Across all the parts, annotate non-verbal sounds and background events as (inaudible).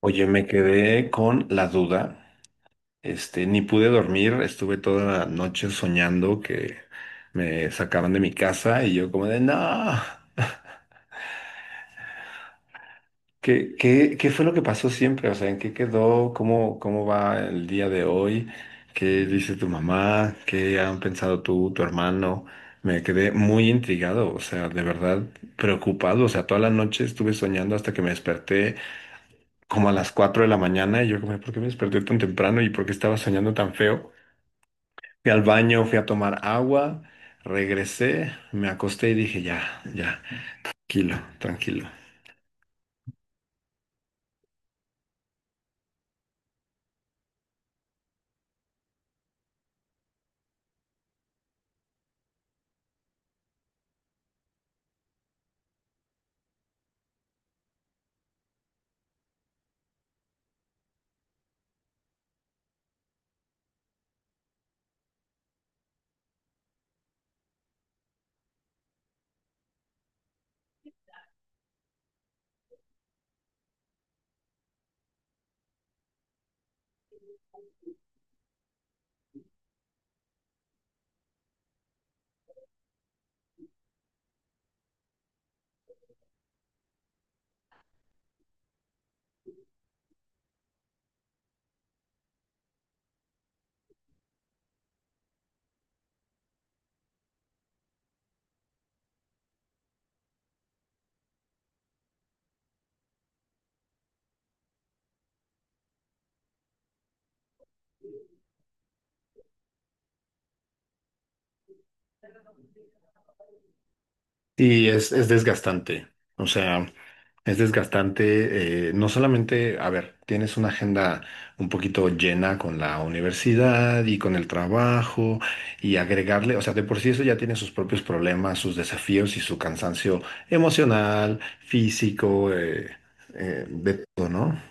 Oye, me quedé con la duda. Ni pude dormir, estuve toda la noche soñando que me sacaban de mi casa y yo como de, no, ¿qué fue lo que pasó siempre? O sea, ¿en qué quedó? ¿Cómo va el día de hoy? ¿Qué dice tu mamá? ¿Qué han pensado tu hermano? Me quedé muy intrigado, o sea, de verdad preocupado. O sea, toda la noche estuve soñando hasta que me desperté como a las 4 de la mañana y yo como, ¿por qué me desperté tan temprano y por qué estaba soñando tan feo? Fui al baño, fui a tomar agua, regresé, me acosté y dije, ya, ya, tranquilo, tranquilo. Es desgastante, o sea, es desgastante, no solamente, a ver, tienes una agenda un poquito llena con la universidad y con el trabajo, y agregarle, o sea, de por sí eso ya tiene sus propios problemas, sus desafíos y su cansancio emocional, físico, de todo, ¿no?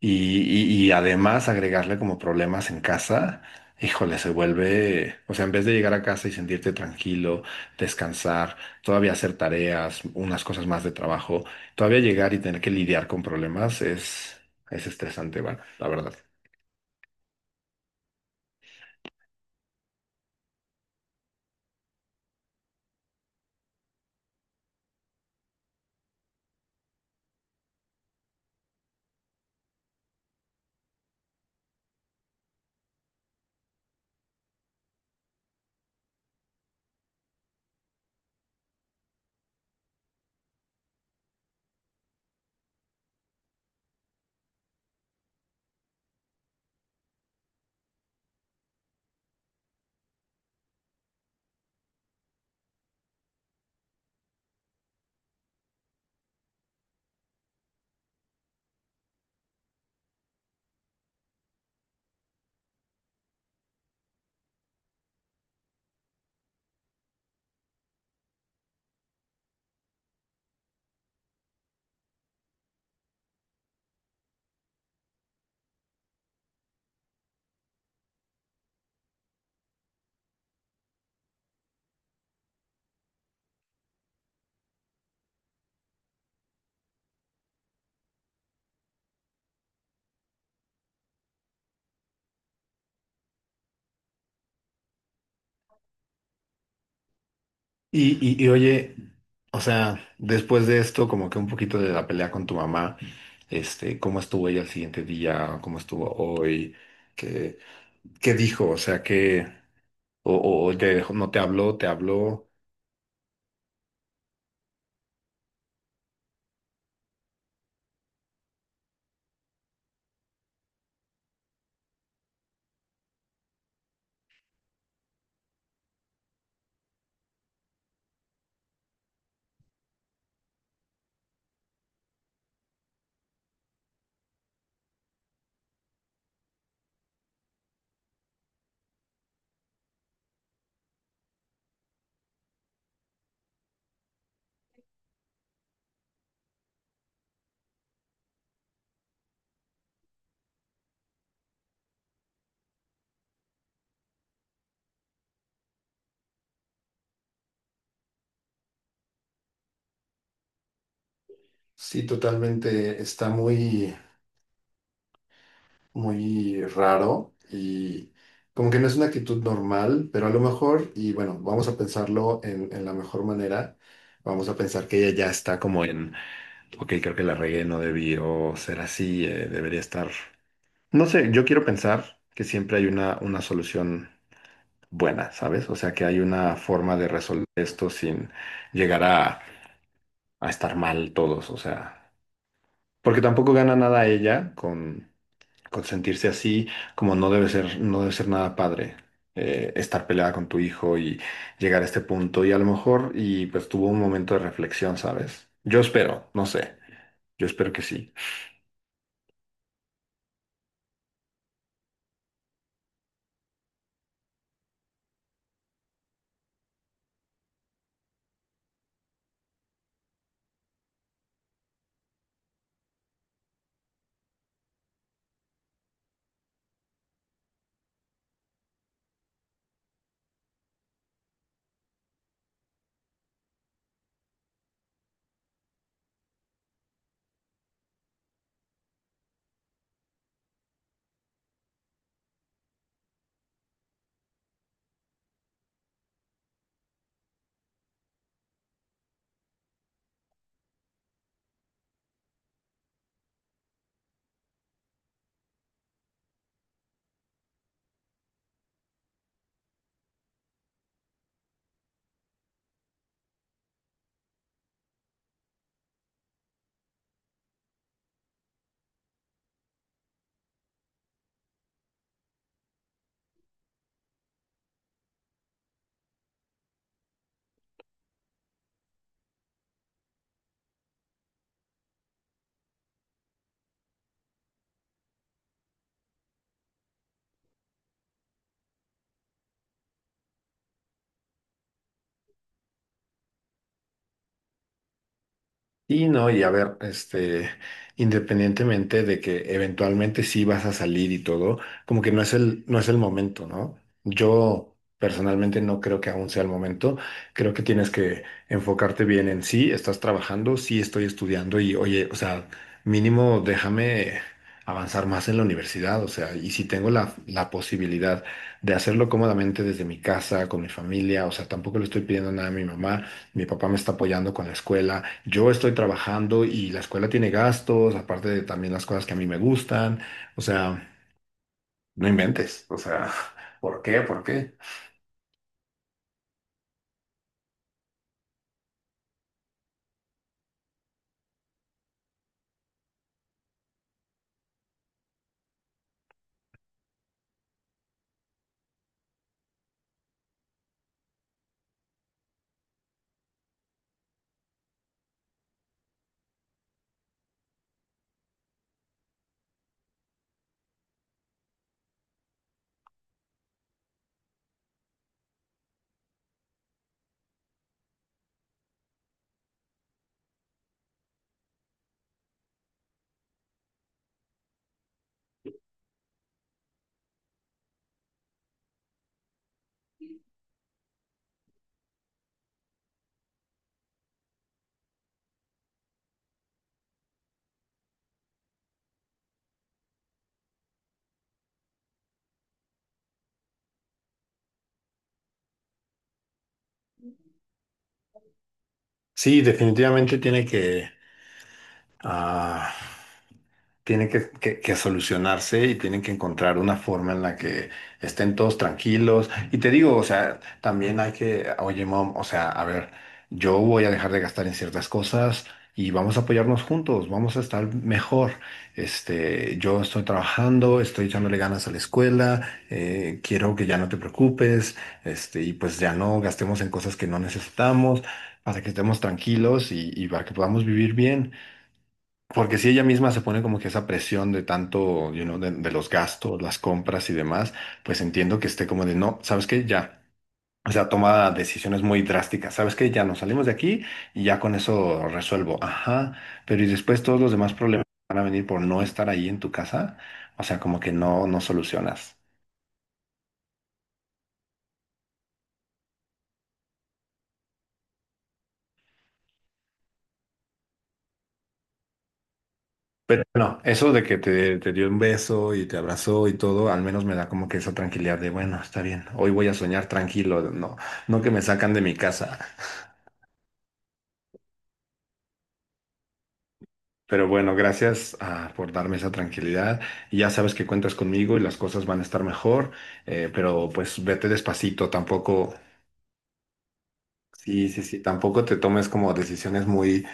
Y además agregarle como problemas en casa, híjole, se vuelve, o sea, en vez de llegar a casa y sentirte tranquilo, descansar, todavía hacer tareas, unas cosas más de trabajo, todavía llegar y tener que lidiar con problemas es estresante, bueno, la verdad. Y oye, o sea, después de esto, como que un poquito de la pelea con tu mamá, ¿cómo estuvo ella el siguiente día? ¿Cómo estuvo hoy? ¿Qué, qué dijo? O sea, qué... O el de no te habló, te habló. Sí, totalmente. Está muy, muy raro y como que no es una actitud normal, pero a lo mejor, y bueno, vamos a pensarlo en la mejor manera. Vamos a pensar que ella ya está como en, ok, creo que la regué, no debió ser así, debería estar. No sé, yo quiero pensar que siempre hay una solución buena, ¿sabes? O sea, que hay una forma de resolver esto sin llegar a estar mal todos, o sea. Porque tampoco gana nada ella con sentirse así, como no debe ser, no debe ser nada padre, estar peleada con tu hijo y llegar a este punto. Y a lo mejor, y pues tuvo un momento de reflexión, ¿sabes? Yo espero, no sé, yo espero que sí. Y no, y a ver, este, independientemente de que eventualmente sí vas a salir y todo, como que no es no es el momento, ¿no? Yo personalmente no creo que aún sea el momento. Creo que tienes que enfocarte bien en sí, estás trabajando, sí estoy estudiando y oye, o sea, mínimo déjame avanzar más en la universidad, o sea, y si tengo la posibilidad de hacerlo cómodamente desde mi casa, con mi familia, o sea, tampoco le estoy pidiendo nada a mi mamá, mi papá me está apoyando con la escuela, yo estoy trabajando y la escuela tiene gastos, aparte de también las cosas que a mí me gustan. O sea, no inventes. O sea, (laughs) ¿por qué? ¿Por qué? Sí, definitivamente tiene que... ah, tiene que solucionarse y tienen que encontrar una forma en la que estén todos tranquilos. Y te digo, o sea, también hay que, oye, mom, o sea, a ver, yo voy a dejar de gastar en ciertas cosas y vamos a apoyarnos juntos, vamos a estar mejor. Este, yo estoy trabajando, estoy echándole ganas a la escuela, quiero que ya no te preocupes, este, y pues ya no gastemos en cosas que no necesitamos para que estemos tranquilos y para que podamos vivir bien. Porque si ella misma se pone como que esa presión de tanto, you know, de los gastos, las compras y demás, pues entiendo que esté como de, no, ¿sabes qué? Ya. O sea, toma decisiones muy drásticas. ¿Sabes qué? Ya nos salimos de aquí y ya con eso resuelvo. Ajá. Pero y después todos los demás problemas van a venir por no estar ahí en tu casa. O sea, como que no, no solucionas. Pero no, eso de que te dio un beso y te abrazó y todo, al menos me da como que esa tranquilidad de, bueno, está bien, hoy voy a soñar tranquilo, no, no que me sacan de mi casa. Pero bueno, gracias, ah, por darme esa tranquilidad. Y ya sabes que cuentas conmigo y las cosas van a estar mejor, pero pues vete despacito, tampoco... Sí, sí, sí, tampoco te tomes como decisiones muy,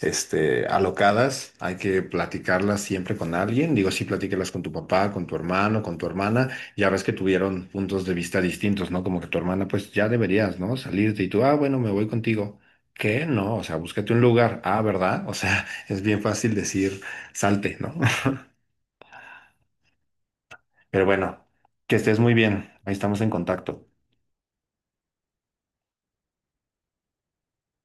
este, alocadas, hay que platicarlas siempre con alguien, digo, sí, platícalas con tu papá, con tu hermano, con tu hermana, ya ves que tuvieron puntos de vista distintos, ¿no? Como que tu hermana, pues ya deberías, ¿no? Salirte y tú, ah, bueno, me voy contigo. ¿Qué? No, o sea, búscate un lugar, ah, ¿verdad? O sea, (laughs) es bien fácil decir, salte, ¿no? (laughs) Pero bueno, que estés muy bien, ahí estamos en contacto.